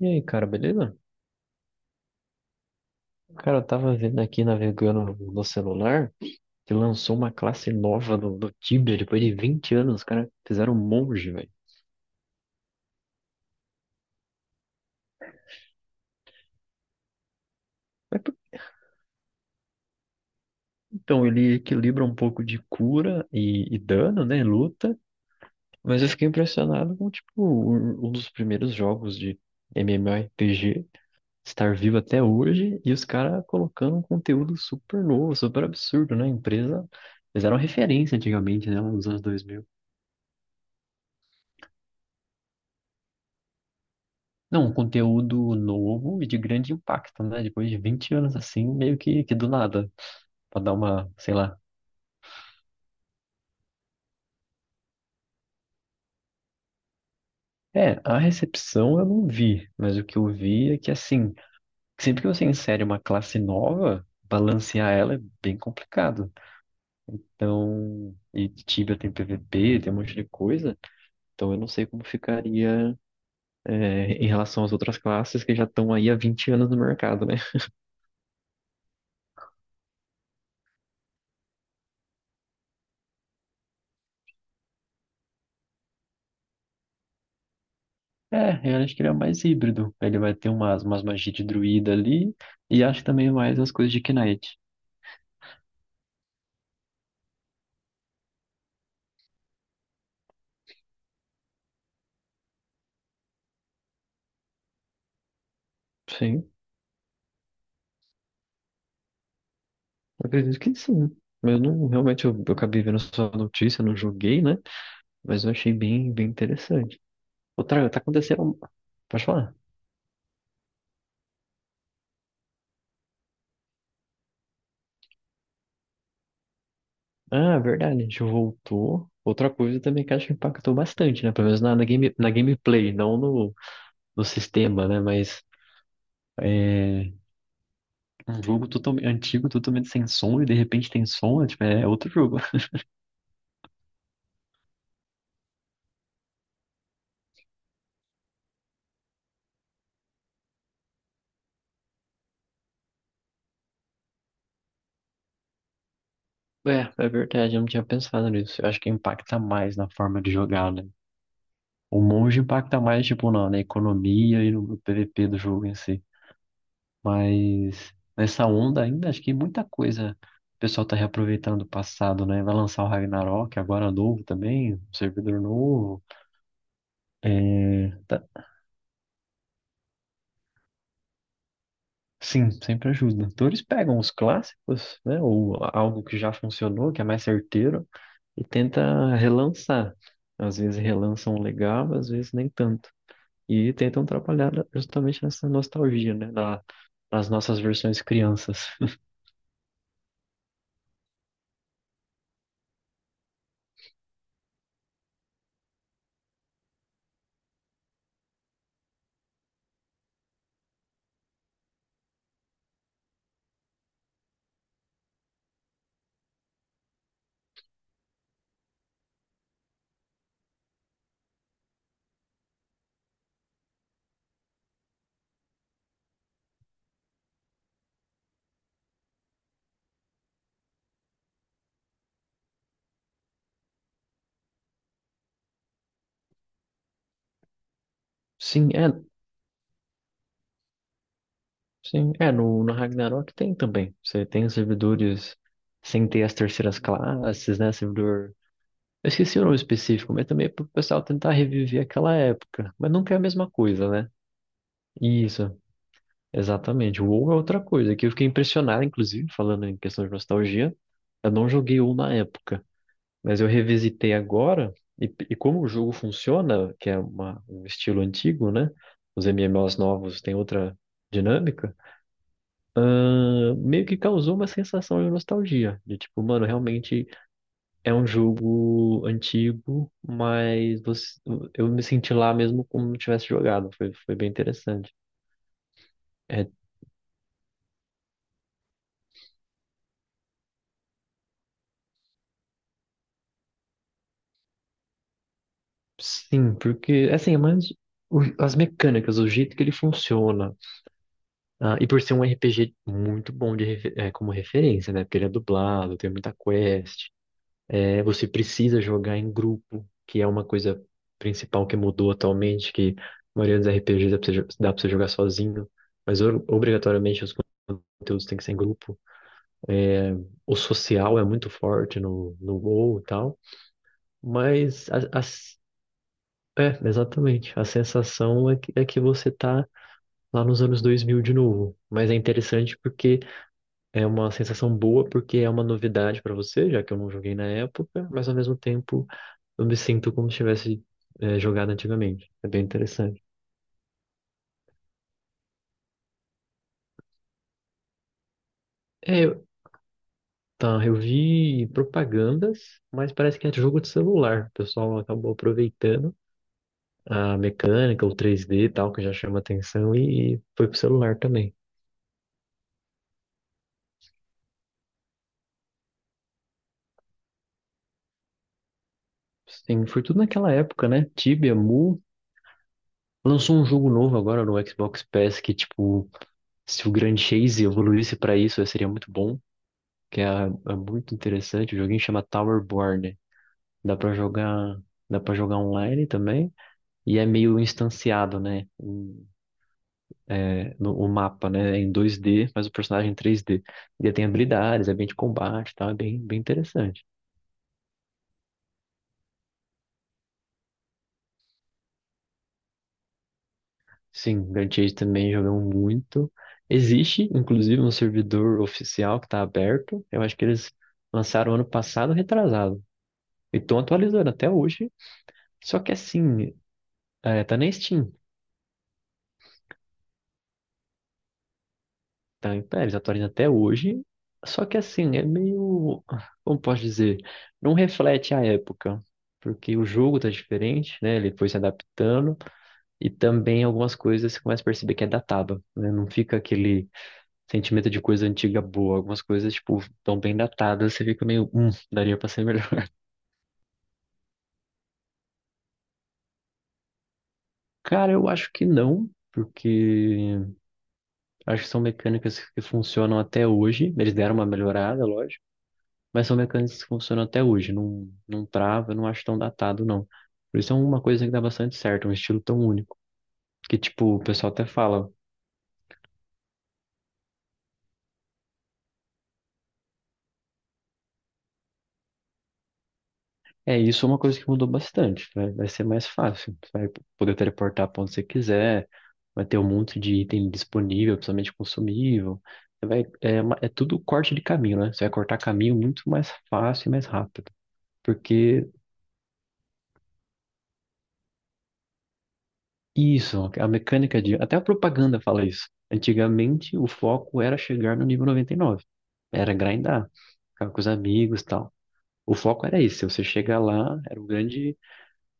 E aí, cara, beleza? Cara, eu tava vendo aqui, navegando no celular, que lançou uma classe nova do Tibia, depois de 20 anos, os caras fizeram um monge, velho. Mas, por- Então, ele equilibra um pouco de cura e dano, né, luta, mas eu fiquei impressionado com, tipo, um dos primeiros jogos de MMORPG estar vivo até hoje, e os caras colocando um conteúdo super novo, super absurdo, né, a empresa... Fizeram referência antigamente, né, nos anos dois mil. Não, um conteúdo novo e de grande impacto, né? Depois de 20 anos assim, meio que do nada, pra dar uma, sei lá. É, a recepção eu não vi, mas o que eu vi é que assim, sempre que você insere uma classe nova, balancear ela é bem complicado. Então, e Tibia tem PVP, tem um monte de coisa, então eu não sei como ficaria, é, em relação às outras classes que já estão aí há 20 anos no mercado, né? É, eu acho que ele é mais híbrido. Ele vai ter umas, umas magias de druida ali e acho também mais as coisas de Knight. Sim, eu acredito que sim. Eu não, realmente, eu acabei vendo só a notícia, não joguei, né? Mas eu achei bem, bem interessante. Outra, tá acontecendo... Pode falar? Ah, verdade, a gente voltou. Outra coisa também que acho que impactou bastante, né? Pelo menos na, na game, na gameplay, não no, no sistema, né? Mas é, um jogo totalmente antigo, totalmente sem som, e de repente tem som, é, tipo, é outro jogo. É, é verdade, eu não tinha pensado nisso. Eu acho que impacta mais na forma de jogar, né? O monge impacta mais, tipo, na, na economia e no PVP do jogo em si. Mas nessa onda ainda, acho que muita coisa o pessoal tá reaproveitando do passado, né? Vai lançar o Ragnarok, agora novo também, um servidor novo. É, tá- Sim, sempre ajuda. Então eles pegam os clássicos, né? Ou algo que já funcionou, que é mais certeiro, e tenta relançar. Às vezes relançam legal, às vezes nem tanto. E tentam trabalhar justamente nessa nostalgia, né? Da, das nossas versões crianças. Sim, é. Sim, é. No, no Ragnarok tem também. Você tem os servidores sem ter as terceiras classes, né? Servidor. Eu esqueci o nome específico, mas também é pro pessoal tentar reviver aquela época. Mas nunca é a mesma coisa, né? Isso, exatamente. O WoW é outra coisa, que eu fiquei impressionado, inclusive, falando em questão de nostalgia. Eu não joguei WoW na época. Mas eu revisitei agora, e como o jogo funciona, que é uma- um estilo antigo, né? Os MMOs novos têm outra dinâmica, meio que causou uma sensação de nostalgia. De tipo, mano, realmente é um jogo antigo, mas você- eu me senti lá mesmo como se tivesse jogado. Foi, foi bem interessante. É, sim, porque, assim, é mais o- as mecânicas, o jeito que ele funciona. Ah, e por ser um RPG muito bom de, refe- como referência, né? Porque ele é dublado, tem muita quest. É, você precisa jogar em grupo, que é uma coisa principal que mudou atualmente, que a maioria dos RPGs dá pra você, jo- dá pra você jogar sozinho, mas o- obrigatoriamente os conteúdos têm que ser em grupo. É, o social é muito forte no, no WoW e tal, mas a- as- é, exatamente. A sensação é que você tá lá nos anos 2000 de novo. Mas é interessante porque é uma sensação boa porque é uma novidade pra você, já que eu não joguei na época, mas ao mesmo tempo eu me sinto como se tivesse é, jogado antigamente. É bem interessante. É, eu- tá, eu vi propagandas, mas parece que é de jogo de celular. O pessoal acabou aproveitando a mecânica, o 3D e tal, que já chama atenção, e foi pro celular também. Sim, foi tudo naquela época, né? Tibia, Mu. Lançou um jogo novo agora no Xbox Pass que, tipo, se o Grand Chase evoluísse pra isso, seria muito bom. Que é, é muito interessante. O joguinho chama Towerborn. Dá pra jogar, dá para jogar online também. E é meio instanciado, né? O- é, no, o mapa, né? É em 2D, mas o personagem é em 3D. Ele tem habilidades, é bem de combate, e tal. É bem, bem interessante. Sim, Grand Chase também jogamos muito. Existe, inclusive, um servidor oficial que está aberto. Eu acho que eles lançaram ano passado, retrasado. E estão atualizando até hoje. Só que assim, é, tá na Steam. Tá, então, eles atualizam até hoje. Só que assim, é meio, como posso dizer, não reflete a época, porque o jogo tá diferente, né? Ele foi se adaptando e também algumas coisas você começa a perceber que é datado, né? Não fica aquele sentimento de coisa antiga boa. Algumas coisas, tipo, tão bem datadas, você fica meio, daria pra ser melhor. Cara, eu acho que não. Porque acho que são mecânicas que funcionam até hoje. Eles deram uma melhorada, lógico. Mas são mecânicas que funcionam até hoje, não, não trava, eu não acho tão datado, não. Por isso é uma coisa que dá bastante certo, um estilo tão único. Que, tipo, o pessoal até fala, é, isso é uma coisa que mudou bastante, vai vai ser mais fácil, você vai poder teleportar pra onde você quiser, vai ter um monte de item disponível, principalmente consumível. Você vai, é, uma- é tudo corte de caminho, né? Você vai cortar caminho muito mais fácil e mais rápido. Porque isso, a mecânica de. Até a propaganda fala isso. Antigamente, o foco era chegar no nível 99. Era grindar, ficar com os amigos e tal. O foco era isso. Se você chegar lá, era o grande.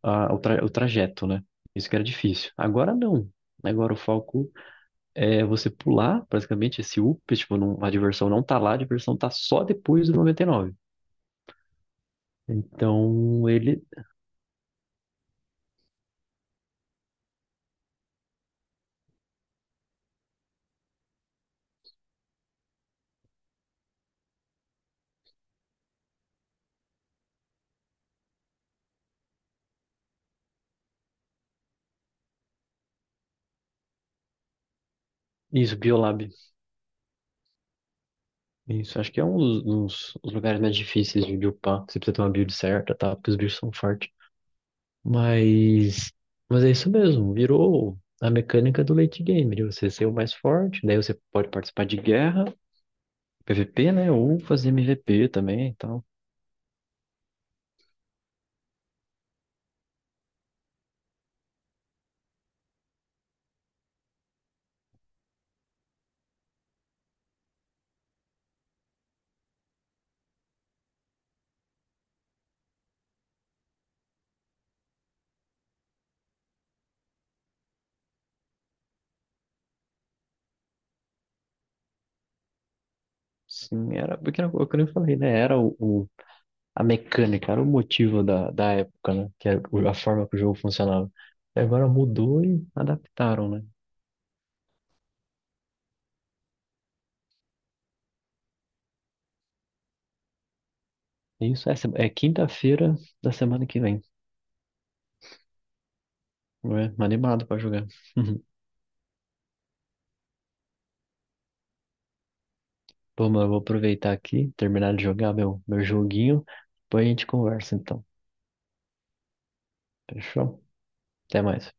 Ah, o, tra- o trajeto, né? Isso que era difícil. Agora não. Agora o foco é você pular, praticamente, esse up. Tipo, não, a diversão não tá lá, a diversão tá só depois do 99. Então, ele. Isso, Biolab. Isso, acho que é um dos, dos- dos lugares mais difíceis de upar. Você precisa ter uma build certa, tá? Porque os bichos são fortes. Mas, mas é isso mesmo, virou a mecânica do late game, de você ser o mais forte, daí você pode participar de guerra, PVP, né? Ou fazer MVP também e tal. Sim, era, porque era o que eu falei, né? Era o- a mecânica, era o motivo da, da época, né? Que era o- a forma que o jogo funcionava. E agora mudou e adaptaram, né? Isso, essa é quinta-feira da semana que vem. É, animado pra jogar. Pô, mano, eu vou aproveitar aqui, terminar de jogar meu, meu joguinho. Depois a gente conversa, então. Fechou? Até mais.